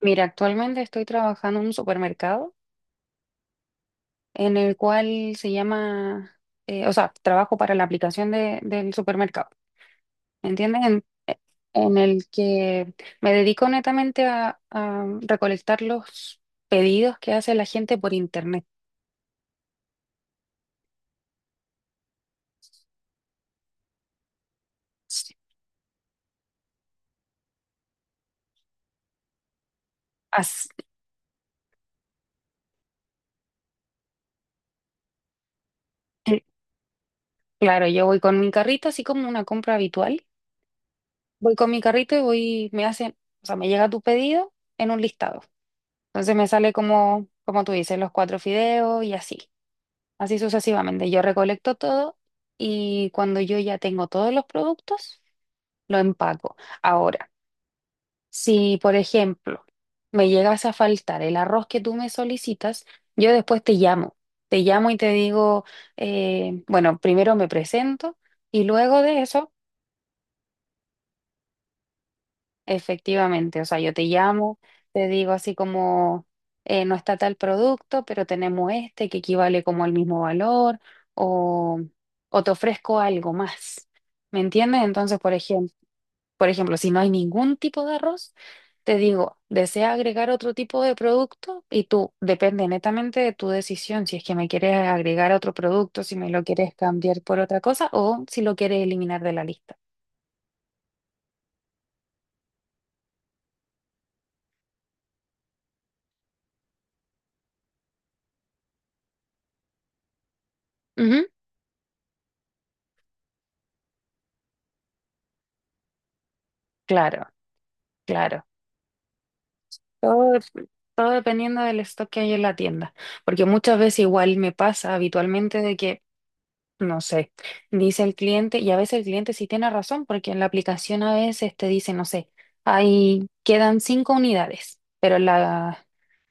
Mira, actualmente estoy trabajando en un supermercado en el cual se llama, o sea, trabajo para la aplicación del supermercado, ¿entiendes? En el que me dedico netamente a recolectar los pedidos que hace la gente por internet. As- eh, claro, yo voy con mi carrito, así como una compra habitual. Voy con mi carrito y voy, me hacen, o sea, me llega tu pedido en un listado. Entonces me sale como, como tú dices, los cuatro fideos y así. Así sucesivamente. Yo recolecto todo y cuando yo ya tengo todos los productos, lo empaco. Ahora, si por ejemplo me llegas a faltar el arroz que tú me solicitas, yo después te llamo. Te llamo y te digo, bueno, primero me presento y luego de eso. Efectivamente, o sea, yo te llamo, te digo así como no está tal producto, pero tenemos este que equivale como al mismo valor o, o te ofrezco algo más. ¿Me entiendes? Entonces, por ejemplo, si no hay ningún tipo de arroz, te digo, ¿desea agregar otro tipo de producto? Y tú, depende netamente de tu decisión, si es que me quieres agregar otro producto, si me lo quieres cambiar por otra cosa o si lo quieres eliminar de la lista. Ujú, claro, claro. Todo, todo dependiendo del stock que hay en la tienda, porque muchas veces igual me pasa habitualmente de que, no sé, dice el cliente, y a veces el cliente sí tiene razón, porque en la aplicación a veces te dice, no sé, ahí quedan cinco unidades, pero en la,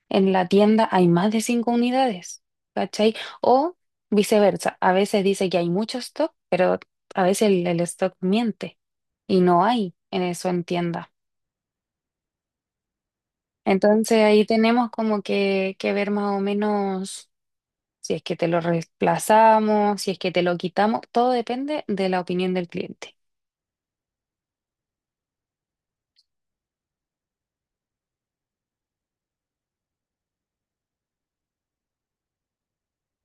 en la tienda hay más de cinco unidades, ¿cachai? O viceversa, a veces dice que hay mucho stock, pero a veces el stock miente y no hay en eso en tienda. Entonces ahí tenemos como que, ver más o menos si es que te lo reemplazamos, si es que te lo quitamos, todo depende de la opinión del cliente.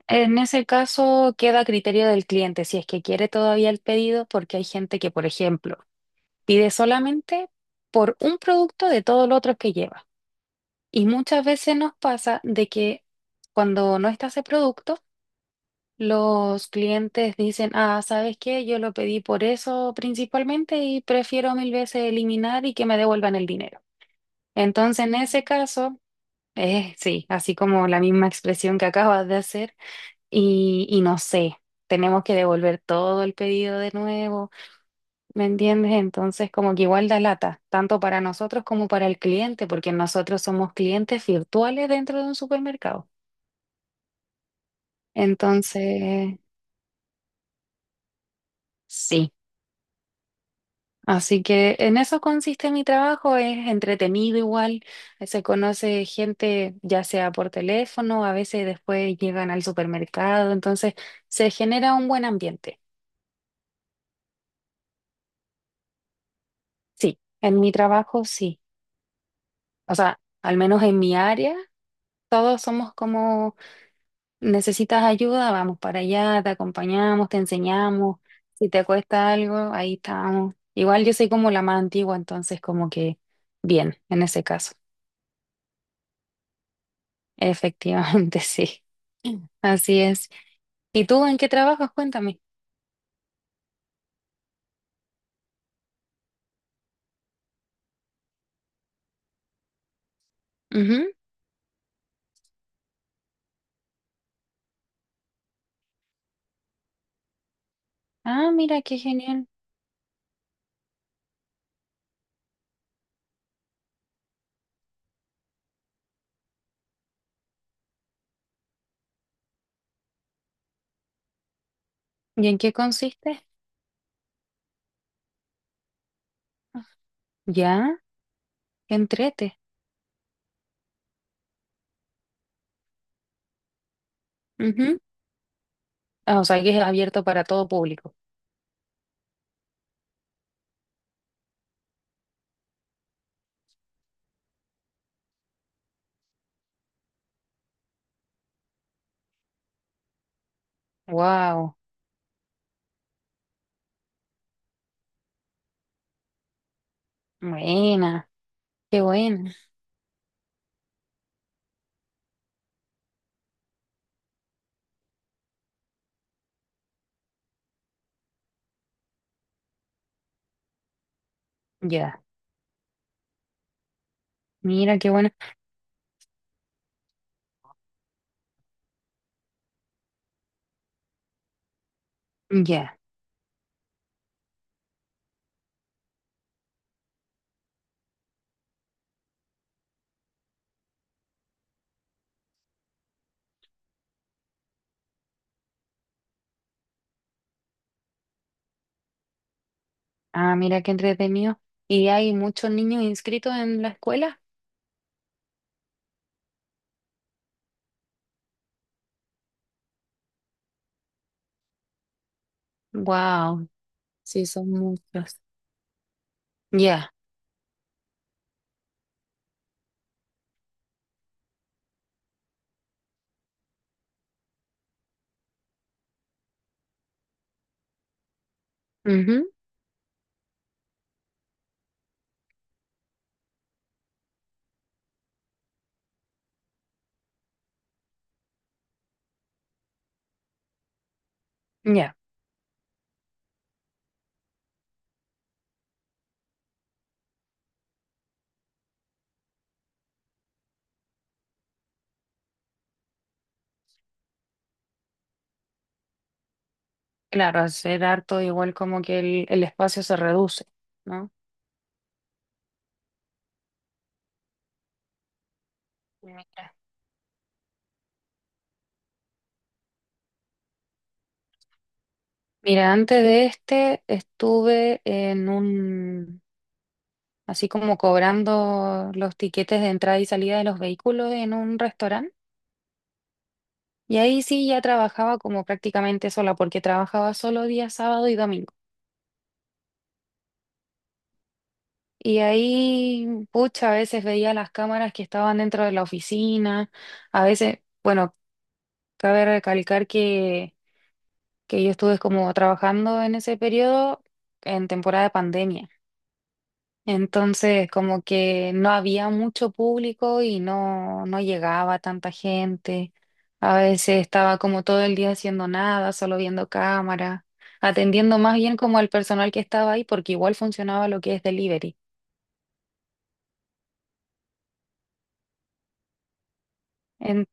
En ese caso queda a criterio del cliente si es que quiere todavía el pedido, porque hay gente que, por ejemplo, pide solamente por un producto de todos los otros que lleva. Y muchas veces nos pasa de que cuando no está ese producto, los clientes dicen, ah, ¿sabes qué? Yo lo pedí por eso principalmente y prefiero mil veces eliminar y que me devuelvan el dinero. Entonces, en ese caso, sí, así como la misma expresión que acabas de hacer, y no sé, tenemos que devolver todo el pedido de nuevo, ¿me entiendes? Entonces, como que igual da lata, tanto para nosotros como para el cliente, porque nosotros somos clientes virtuales dentro de un supermercado. Entonces... Sí, así que en eso consiste mi trabajo, es entretenido igual, se conoce gente ya sea por teléfono, a veces después llegan al supermercado, entonces se genera un buen ambiente. Sí, en mi trabajo sí. O sea, al menos en mi área, todos somos como, necesitas ayuda, vamos para allá, te acompañamos, te enseñamos, si te cuesta algo, ahí estamos. Igual yo soy como la más antigua, entonces como que bien, en ese caso. Efectivamente, sí. Así es. ¿Y tú en qué trabajas? Cuéntame. Ujú. Ah, mira, qué genial. ¿Y en qué consiste? Ya, qué entrete. Ujú. Ah, o sea, que es abierto para todo público. Wow, buena, qué buena. Ya, mira, qué buena. Ya, ah, mira, qué entretenido. ¿Y hay muchos niños inscritos en la escuela? Wow, sí, son muchos. Ya, ujú, ya. Claro, hacer harto igual como que el espacio se reduce, ¿no? Mira, mira, antes de este estuve en un, así como cobrando los tiquetes de entrada y salida de los vehículos en un restaurante. Y ahí sí ya trabajaba como prácticamente sola, porque trabajaba solo día sábado y domingo. Y ahí, pucha, a veces veía las cámaras que estaban dentro de la oficina, a veces, bueno, cabe recalcar que yo estuve como trabajando en ese periodo en temporada de pandemia. Entonces, como que no había mucho público y no llegaba tanta gente. A veces estaba como todo el día haciendo nada, solo viendo cámara, atendiendo más bien como al personal que estaba ahí, porque igual funcionaba lo que es delivery. En,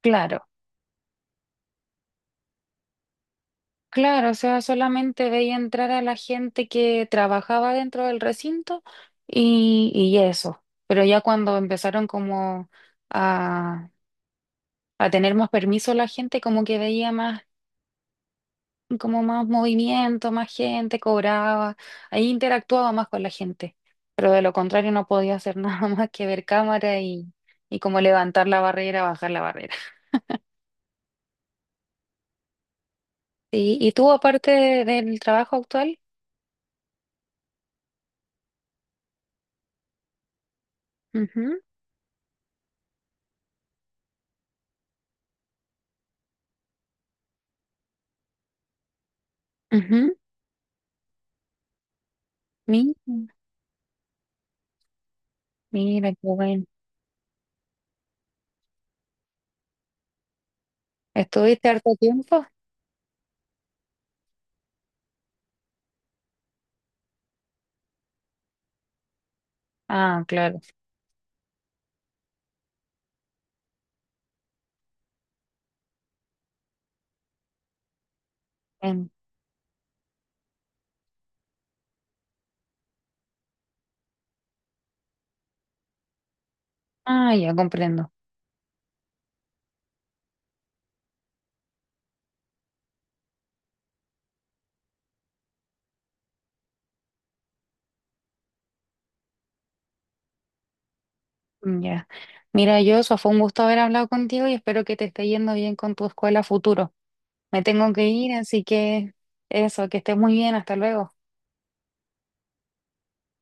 claro. Claro, o sea, solamente veía entrar a la gente que trabajaba dentro del recinto y eso. Pero ya cuando empezaron como a, a tener más permiso la gente, como que veía más, como más movimiento, más gente, cobraba, ahí interactuaba más con la gente. Pero de lo contrario no podía hacer nada más que ver cámara y como levantar la barrera, bajar la barrera. Sí. ¿y tú, aparte del trabajo actual? Ujú, ujú, mi- mira, qué bueno. ¿Estuviste harto tiempo? Ah, claro. Em, ah, ya comprendo. Mm, ya. Mira, yo, eso fue un gusto haber hablado contigo y espero que te esté yendo bien con tu escuela futuro. Me tengo que ir, así que eso, que estés muy bien. Hasta luego.